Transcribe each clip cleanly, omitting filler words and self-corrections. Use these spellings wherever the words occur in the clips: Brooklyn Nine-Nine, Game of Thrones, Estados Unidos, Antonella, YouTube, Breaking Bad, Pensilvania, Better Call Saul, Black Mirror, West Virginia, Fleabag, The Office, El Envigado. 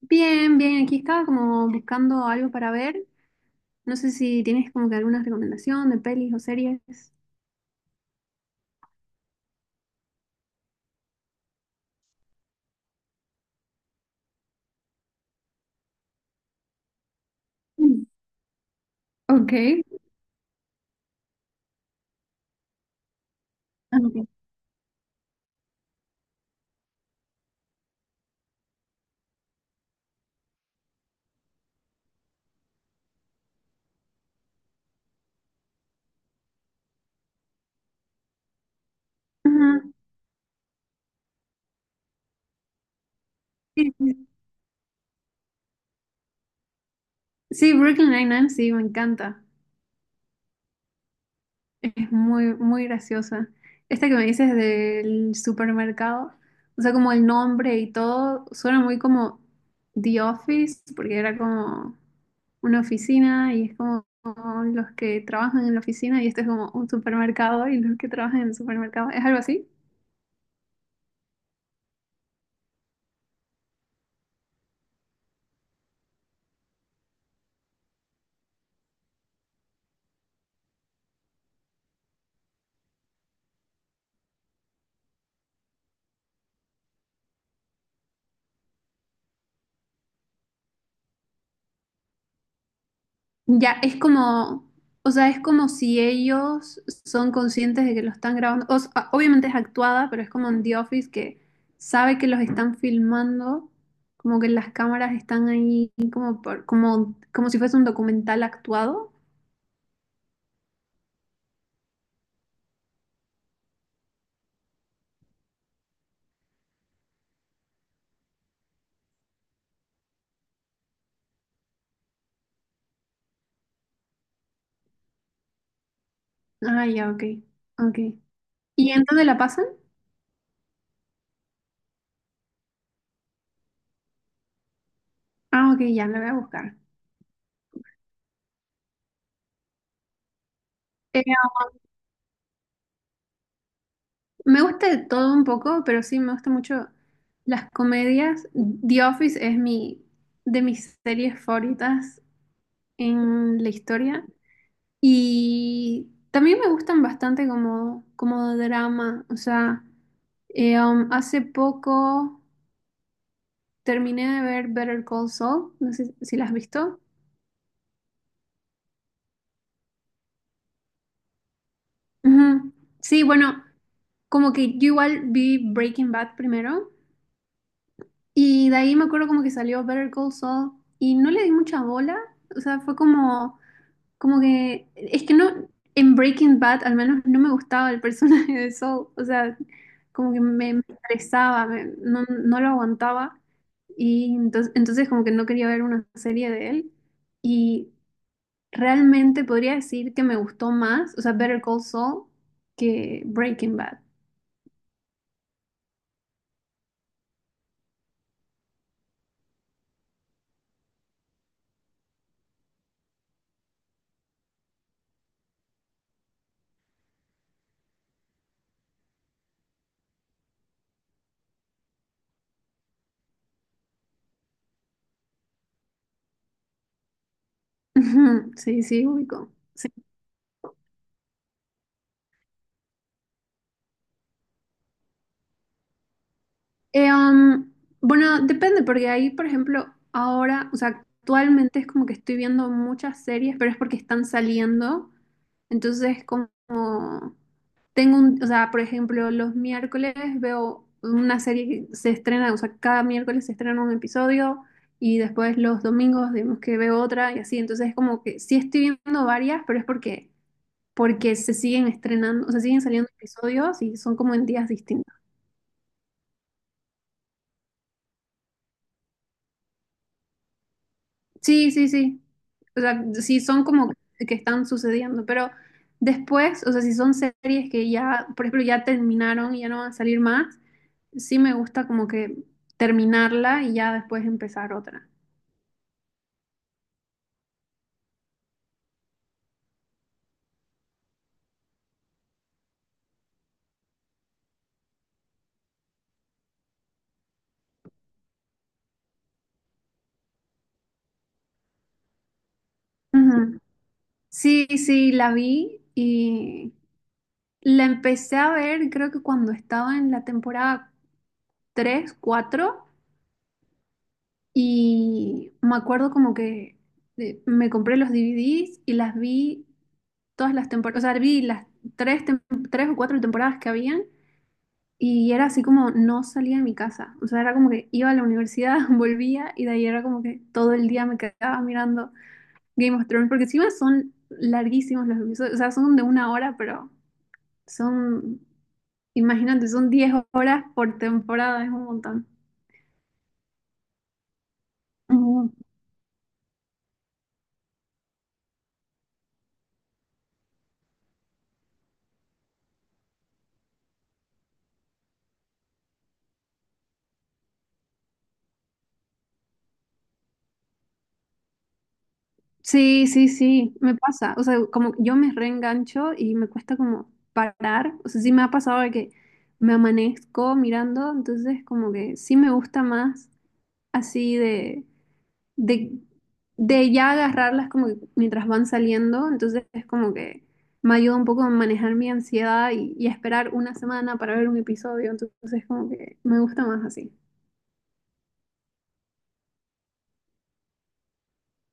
Bien, bien, aquí estaba como buscando algo para ver. No sé si tienes como que alguna recomendación de pelis o series. Mm. Ok. Ah, ok. Ujú. Sí, sí, sí. Sí, Brooklyn Nine-Nine, sí, me encanta. Es muy, muy graciosa. Esta que me dices del supermercado, o sea, como el nombre y todo, suena muy como The Office, porque era como una oficina y es como los que trabajan en la oficina y este es como un supermercado y los que trabajan en el supermercado. ¿Es algo así? Ya, es como, o sea, es como si ellos son conscientes de que lo están grabando. O sea, obviamente es actuada, pero es como en The Office que sabe que los están filmando, como que las cámaras están ahí como si fuese un documental actuado. Ah, ya, ok, ok. ¿Y entonces la pasan? Ah, ok, ya, la voy a buscar. Eh, Me gusta de todo un poco, pero sí, me gusta mucho las comedias. The Office es de mis series favoritas en la historia. Y también me gustan bastante como drama. O sea, hace poco terminé de ver Better Call Saul. No sé si la has visto. Ujú. Sí, bueno, como que yo igual vi Breaking Bad primero. Y de ahí me acuerdo como que salió Better Call Saul. Y no le di mucha bola. O sea, fue como. Como que, es que no, en Breaking Bad al menos no me gustaba el personaje de Saul, o sea, como que me estresaba, no, no lo aguantaba y entonces como que no quería ver una serie de él y realmente podría decir que me gustó más, o sea, Better Call Saul que Breaking Bad. Sí, sí, ubico. Sí. Eh, um, bueno, depende, porque ahí, por ejemplo, ahora, o sea, actualmente es como que estoy viendo muchas series, pero es porque están saliendo. Entonces, como tengo o sea, por ejemplo, los miércoles veo una serie que se estrena, o sea, cada miércoles se estrena un episodio y después los domingos, digamos que veo otra y así. Entonces, es como que sí estoy viendo varias, pero es porque se siguen estrenando, o sea, siguen saliendo episodios y son como en días distintos. Sí, sí, sí. O sea, sí son como que están sucediendo, pero después, o sea, si son series que ya, por ejemplo, ya terminaron y ya no van a salir más, sí me gusta como que terminarla y ya después empezar otra. Ujú. Sí, sí, la vi y la empecé a ver creo que cuando estaba en la temporada 3, 4 y me acuerdo como que me compré los DVDs y las vi todas las temporadas, o sea, vi las tres, tem- tres o cuatro temporadas que habían y era así como no salía de mi casa, o sea, era como que iba a la universidad, volvía y de ahí era como que todo el día me quedaba mirando Game of Thrones, porque encima son larguísimos los episodios, o sea, son de una hora, pero son, imagínate, son 10 horas por temporada, es un montón. Ujú. Sí, sí, sí, me pasa. O sea, como yo me reengancho y me cuesta como parar. O sea, sí me ha pasado de que me amanezco mirando, entonces como que sí me gusta más así de, de ya agarrarlas como que mientras van saliendo. Entonces es como que me ayuda un poco a manejar mi ansiedad y a esperar una semana para ver un episodio. Entonces como que me gusta más así.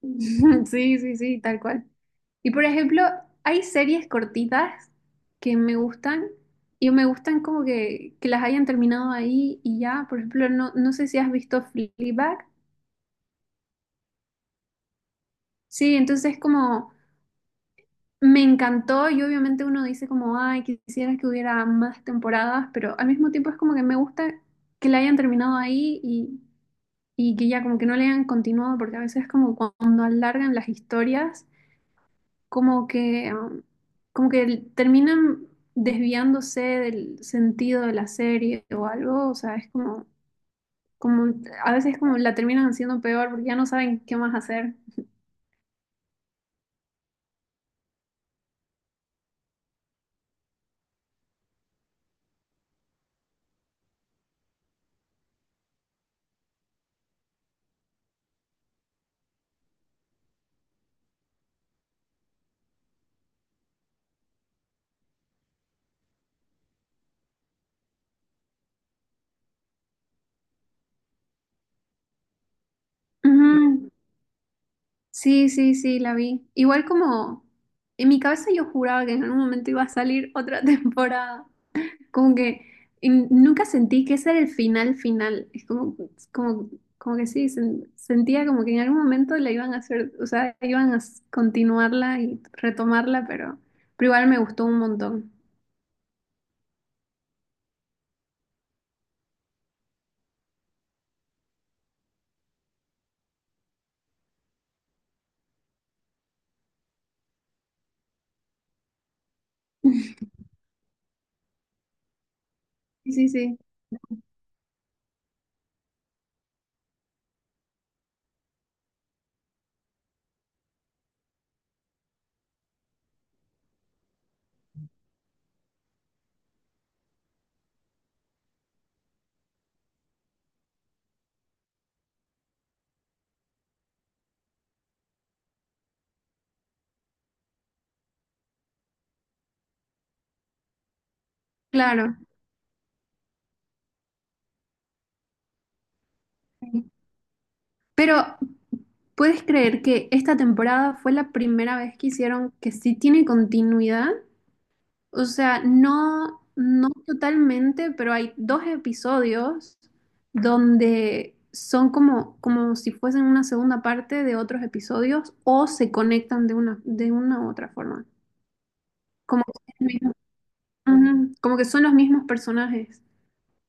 Sí, sí, sí, tal cual. Y por ejemplo, hay series cortitas que me gustan y me gustan como que las hayan terminado ahí y ya. Por ejemplo, no, no sé si has visto Fleabag. Sí, entonces como me encantó y obviamente uno dice como, ay, quisiera que hubiera más temporadas, pero al mismo tiempo es como que me gusta que la hayan terminado ahí y que ya como que no le hayan continuado porque a veces como cuando alargan las historias, como que, um, como que terminan desviándose del sentido de la serie o algo. O sea, es como a veces como la terminan haciendo peor porque ya no saben qué más hacer. Ujú. Sí, sí, sí, la vi. Igual como en mi cabeza yo juraba que en algún momento iba a salir otra temporada. Como que nunca sentí que ese era el final final. Es como, como que sí, sentía como que en algún momento la iban a hacer, o sea, iban a continuarla y retomarla, pero igual me gustó un montón. Sí, sí, sí, claro. Sí. Pero ¿puedes creer que esta temporada fue la primera vez que hicieron que sí tiene continuidad? O sea, no, no totalmente, pero hay dos episodios donde son como, como si fuesen una segunda parte de otros episodios o se conectan de una u otra forma. Como que, ujú, como que son los mismos personajes.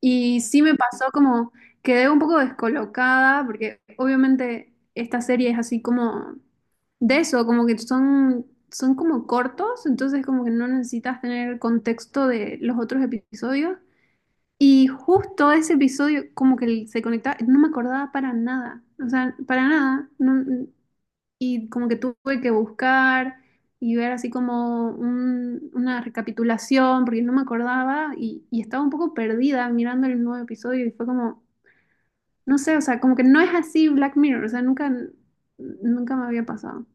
Y sí me pasó como quedé un poco descolocada, porque obviamente esta serie es así como de eso, como que son, como cortos, entonces como que no necesitas tener el contexto de los otros episodios. Y justo ese episodio como que se conectaba, no me acordaba para nada, o sea, para nada. No, y como que tuve que buscar y ver así como una recapitulación, porque no me acordaba y estaba un poco perdida mirando el nuevo episodio y fue como, no sé, o sea, como que no es así Black Mirror, o sea, nunca, nunca me había pasado.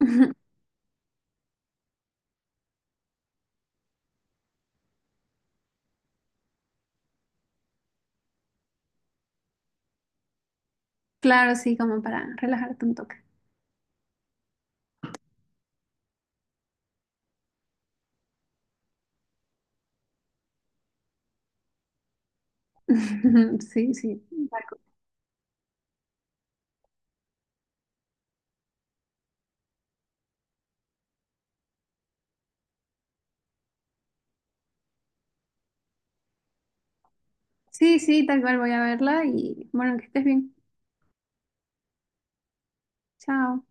Claro, sí, como para relajarte un toque. Sí, sí, tal cual. Sí, sí, tal cual voy a verla y bueno, que estés bien. Chao.